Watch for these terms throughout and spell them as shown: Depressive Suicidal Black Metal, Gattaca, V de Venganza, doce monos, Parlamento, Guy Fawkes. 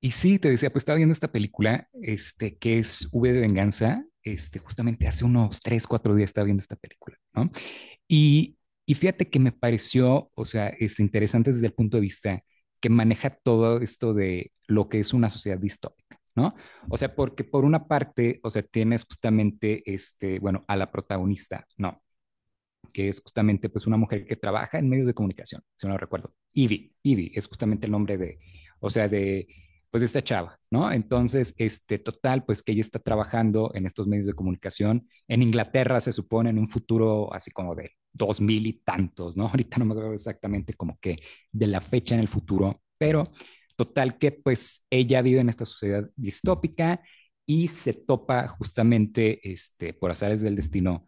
Y sí, te decía, pues estaba viendo esta película, este, que es V de Venganza, este, justamente hace unos tres, cuatro días estaba viendo esta película, ¿no? Y, y fíjate que me pareció, o sea, este, interesante desde el punto de vista que maneja todo esto de lo que es una sociedad distópica, ¿no? O sea, porque por una parte, o sea, tienes justamente, este, bueno, a la protagonista, ¿no?, que es justamente pues una mujer que trabaja en medios de comunicación, si no lo recuerdo. Ivy es justamente el nombre de, o sea, de pues de esta chava, ¿no? Entonces, este total, pues que ella está trabajando en estos medios de comunicación en Inglaterra, se supone, en un futuro así como de dos mil y tantos, ¿no? Ahorita no me acuerdo exactamente como que de la fecha en el futuro, pero total que pues ella vive en esta sociedad distópica y se topa justamente, este, por azares del destino,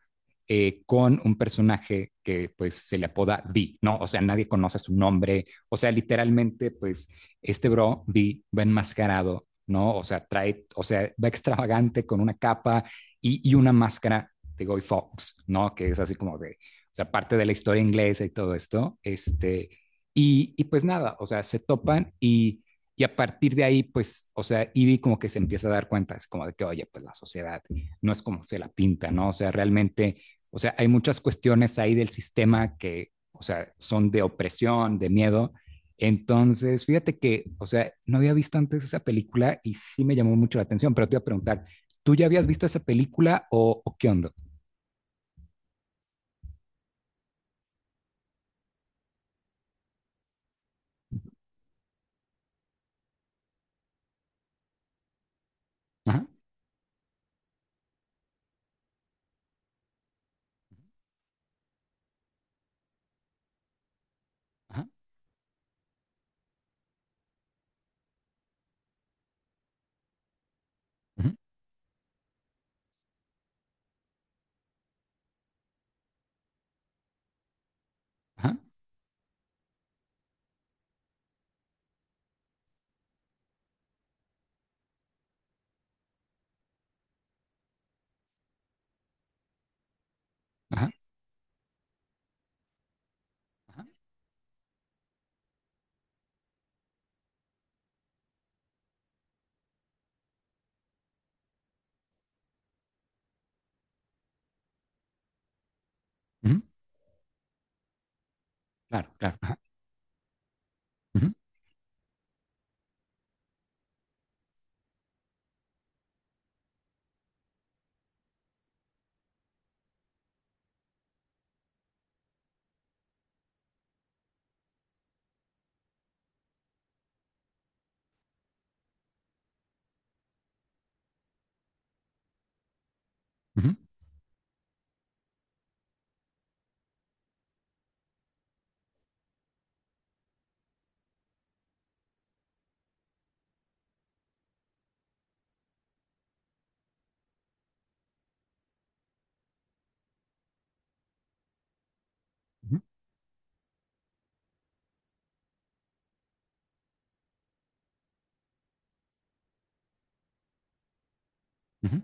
con un personaje que pues se le apoda V, ¿no? O sea, nadie conoce su nombre, o sea, literalmente pues este bro V va enmascarado, ¿no? O sea, trae, o sea, va extravagante con una capa y una máscara de Guy Fox, ¿no? Que es así como de, o sea, parte de la historia inglesa y todo esto, este, y pues nada, o sea, se topan y... Y a partir de ahí, pues, o sea, Ivy como que se empieza a dar cuenta, es como de que, oye, pues la sociedad no es como se la pinta, ¿no? O sea, realmente o sea, hay muchas cuestiones ahí del sistema que, o sea, son de opresión, de miedo. Entonces, fíjate que, o sea, no había visto antes esa película y sí me llamó mucho la atención, pero te iba a preguntar, ¿tú ya habías visto esa película o qué onda? Ajá, ajá, ujú, ajá, ajá, ajá, ujú, claro, claro, ajá, ujú, ujú, ujú, ujú,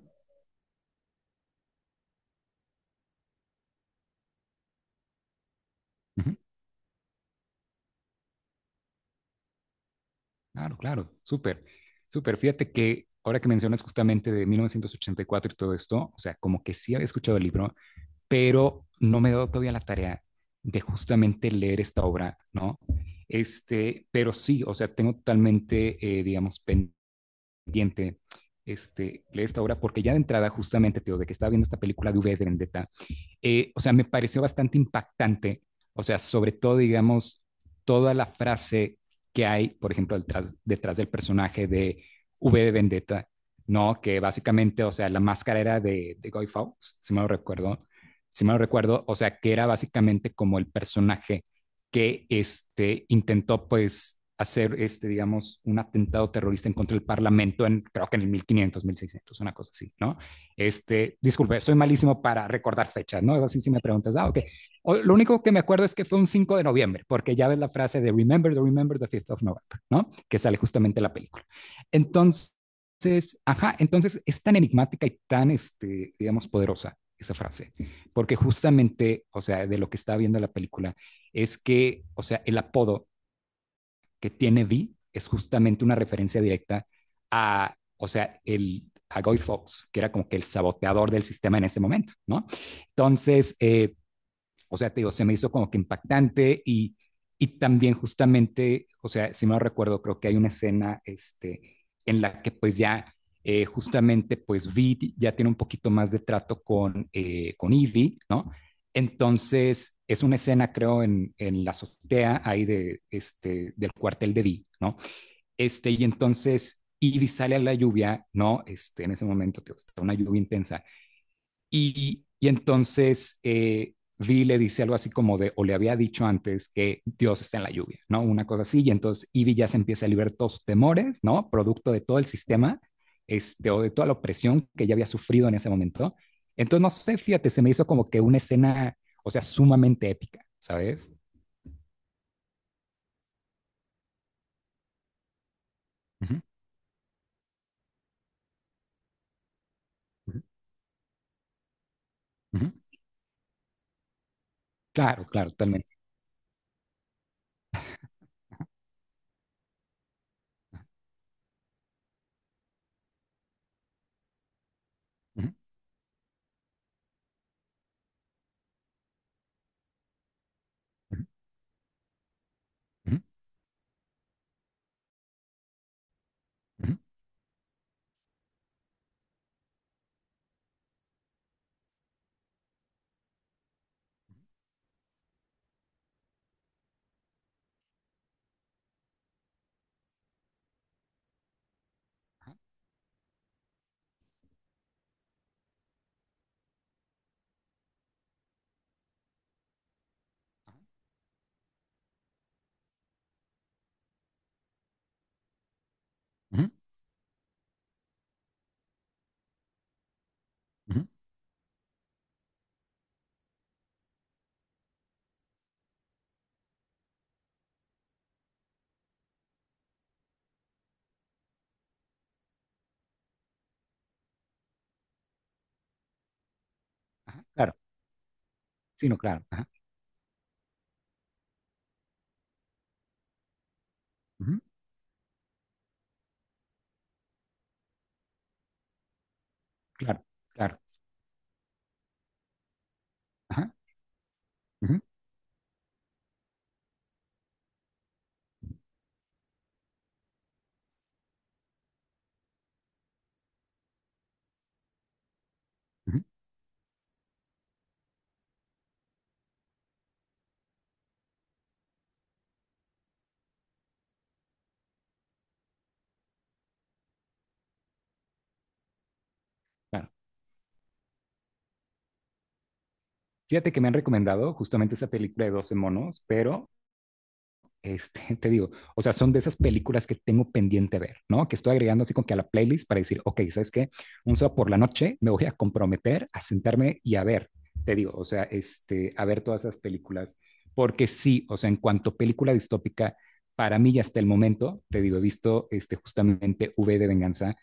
ujú, claro, claro, súper, súper. Fíjate que ahora que mencionas justamente de 1984 y cuatro y todo esto, o sea, como que sí había escuchado el libro, pero no me he dado todavía la tarea de justamente leer esta obra, ¿no? Este, pero sí, o sea, tengo totalmente, digamos, pendiente este, leer esta obra, porque ya de entrada, justamente, te digo, de que estaba viendo esta película de V de Vendetta, o sea, me pareció bastante impactante, o sea, sobre todo, digamos, toda la frase que hay, por ejemplo, detrás del personaje de V de Vendetta, ¿no? Que básicamente, o sea, la máscara era de Guy Fawkes, si me lo recuerdo, si me lo recuerdo, o sea, que era básicamente como el personaje que este, intentó, pues, hacer, este, digamos, un atentado terrorista en contra del Parlamento en, creo que en el 1500, 1600, una cosa así, ¿no? Este, disculpe, soy malísimo para recordar fechas, ¿no? Es así si me preguntas, ah, ok. Lo único que me acuerdo es que fue un 5 de noviembre, porque ya ves la frase de remember the 5th of November, ¿no? Que sale justamente en la película. Entonces, ajá, entonces es tan enigmática y tan, este, digamos, poderosa esa frase, porque justamente, o sea, de lo que está viendo la película, es que, o sea, el apodo que tiene Vi es justamente una referencia directa a, o sea, el, a Guy Fawkes, que era como que el saboteador del sistema en ese momento, ¿no? Entonces, o sea, te digo, se me hizo como que impactante y también justamente, o sea, si me lo recuerdo, creo que hay una escena este, en la que pues ya justamente pues Vid ya tiene un poquito más de trato con Ivy, ¿no? Entonces es una escena creo en la azotea ahí de, este, del cuartel de Vid, ¿no? Este, y entonces Ivy sale a la lluvia, ¿no? Este, en ese momento tío, está una lluvia intensa y entonces Vi le dice algo así como de, o le había dicho antes que Dios está en la lluvia, ¿no? Una cosa así. Y entonces Ivy ya se empieza a liberar todos sus temores, ¿no? Producto de todo el sistema, este, o de toda la opresión que ella había sufrido en ese momento. Entonces, no sé, fíjate, se me hizo como que una escena, o sea, sumamente épica, ¿sabes? Uh -huh, uh -huh, uh -huh. Claro, claro, totalmente. Uh-huh, uh-huh, uh-huh, uh-huh, uh-huh. Ajá, claro, sí, no, claro. Ajá, uh-huh, claro, claro. Ajá, uh-huh, uh-huh, claro. Fíjate que me han recomendado justamente esa película de doce monos, pero este, te digo, o sea, son de esas películas que tengo pendiente ver, ¿no? Que estoy agregando así como que a la playlist para decir, ok, ¿sabes qué? Un sábado por la noche me voy a comprometer a sentarme y a ver, te digo, o sea, este, a ver todas esas películas, porque sí, o sea, en cuanto a película distópica, para mí ya hasta el momento, te digo, he visto este, justamente V de Venganza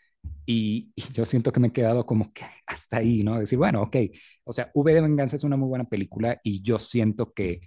yo siento que me he quedado como que hasta ahí, ¿no? Decir, bueno, ok, o sea, V de Venganza es una muy buena película y yo siento que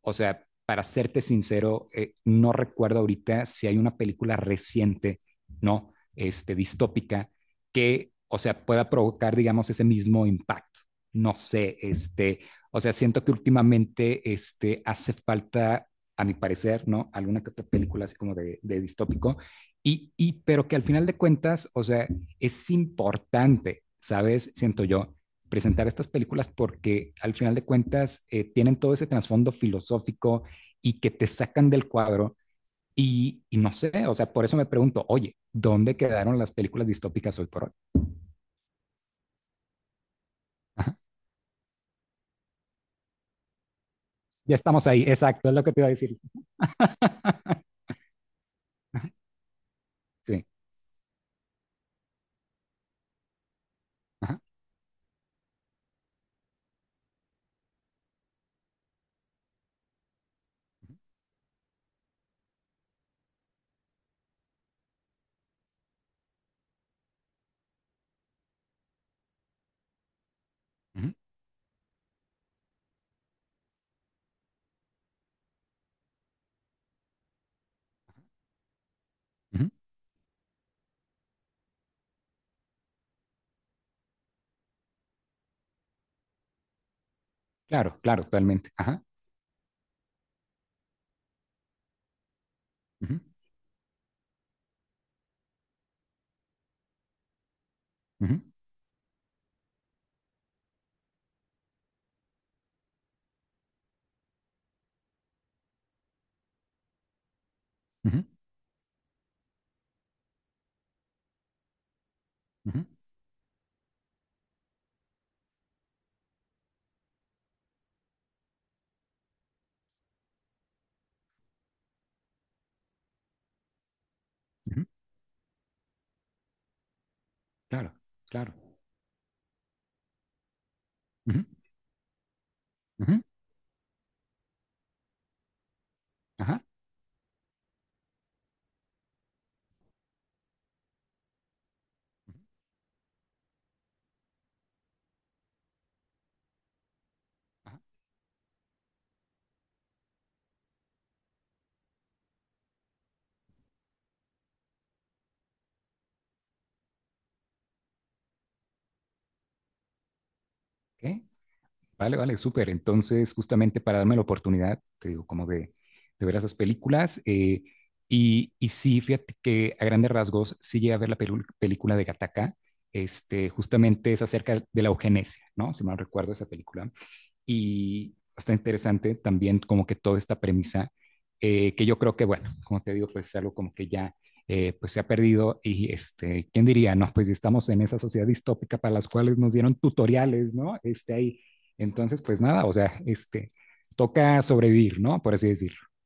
o sea, para serte sincero, no recuerdo ahorita si hay una película reciente, ¿no? Este, distópica, que, o sea, pueda provocar, digamos, ese mismo impacto. No sé, este, o sea, siento que últimamente, este, hace falta, a mi parecer, ¿no? Alguna que otra película así como de distópico, pero que al final de cuentas, o sea, es importante, ¿sabes? Siento yo, presentar estas películas porque al final de cuentas tienen todo ese trasfondo filosófico y que te sacan del cuadro no sé, o sea, por eso me pregunto, oye, ¿dónde quedaron las películas distópicas hoy por hoy? Ajá. Ya estamos ahí, exacto, es lo que te iba a decir. Sí, ajá. Ujú. Ujú. Claro, claro, totalmente. Ajá. Ujú. Ujú. Ujú. Ujú. Ujú. Claro, claro. Ujú. Ujú. Ajá. Ujú. Ajá. Ok. Vale, vale, súper. Entonces, justamente para darme la oportunidad, te digo, como de ver esas películas. Y sí, fíjate que a grandes rasgos sí llegué a ver la película de Gattaca. Este, justamente es acerca de la eugenesia, ¿no? Si mal recuerdo esa película. Y está interesante también como que toda esta premisa, que yo creo que, bueno, como te digo, pues es algo como que ya pues se ha perdido y este, ¿quién diría? No, pues estamos en esa sociedad distópica para las cuales nos dieron tutoriales, ¿no? Este ahí. Entonces, pues nada, o sea, este, toca sobrevivir, ¿no? Por así decirlo.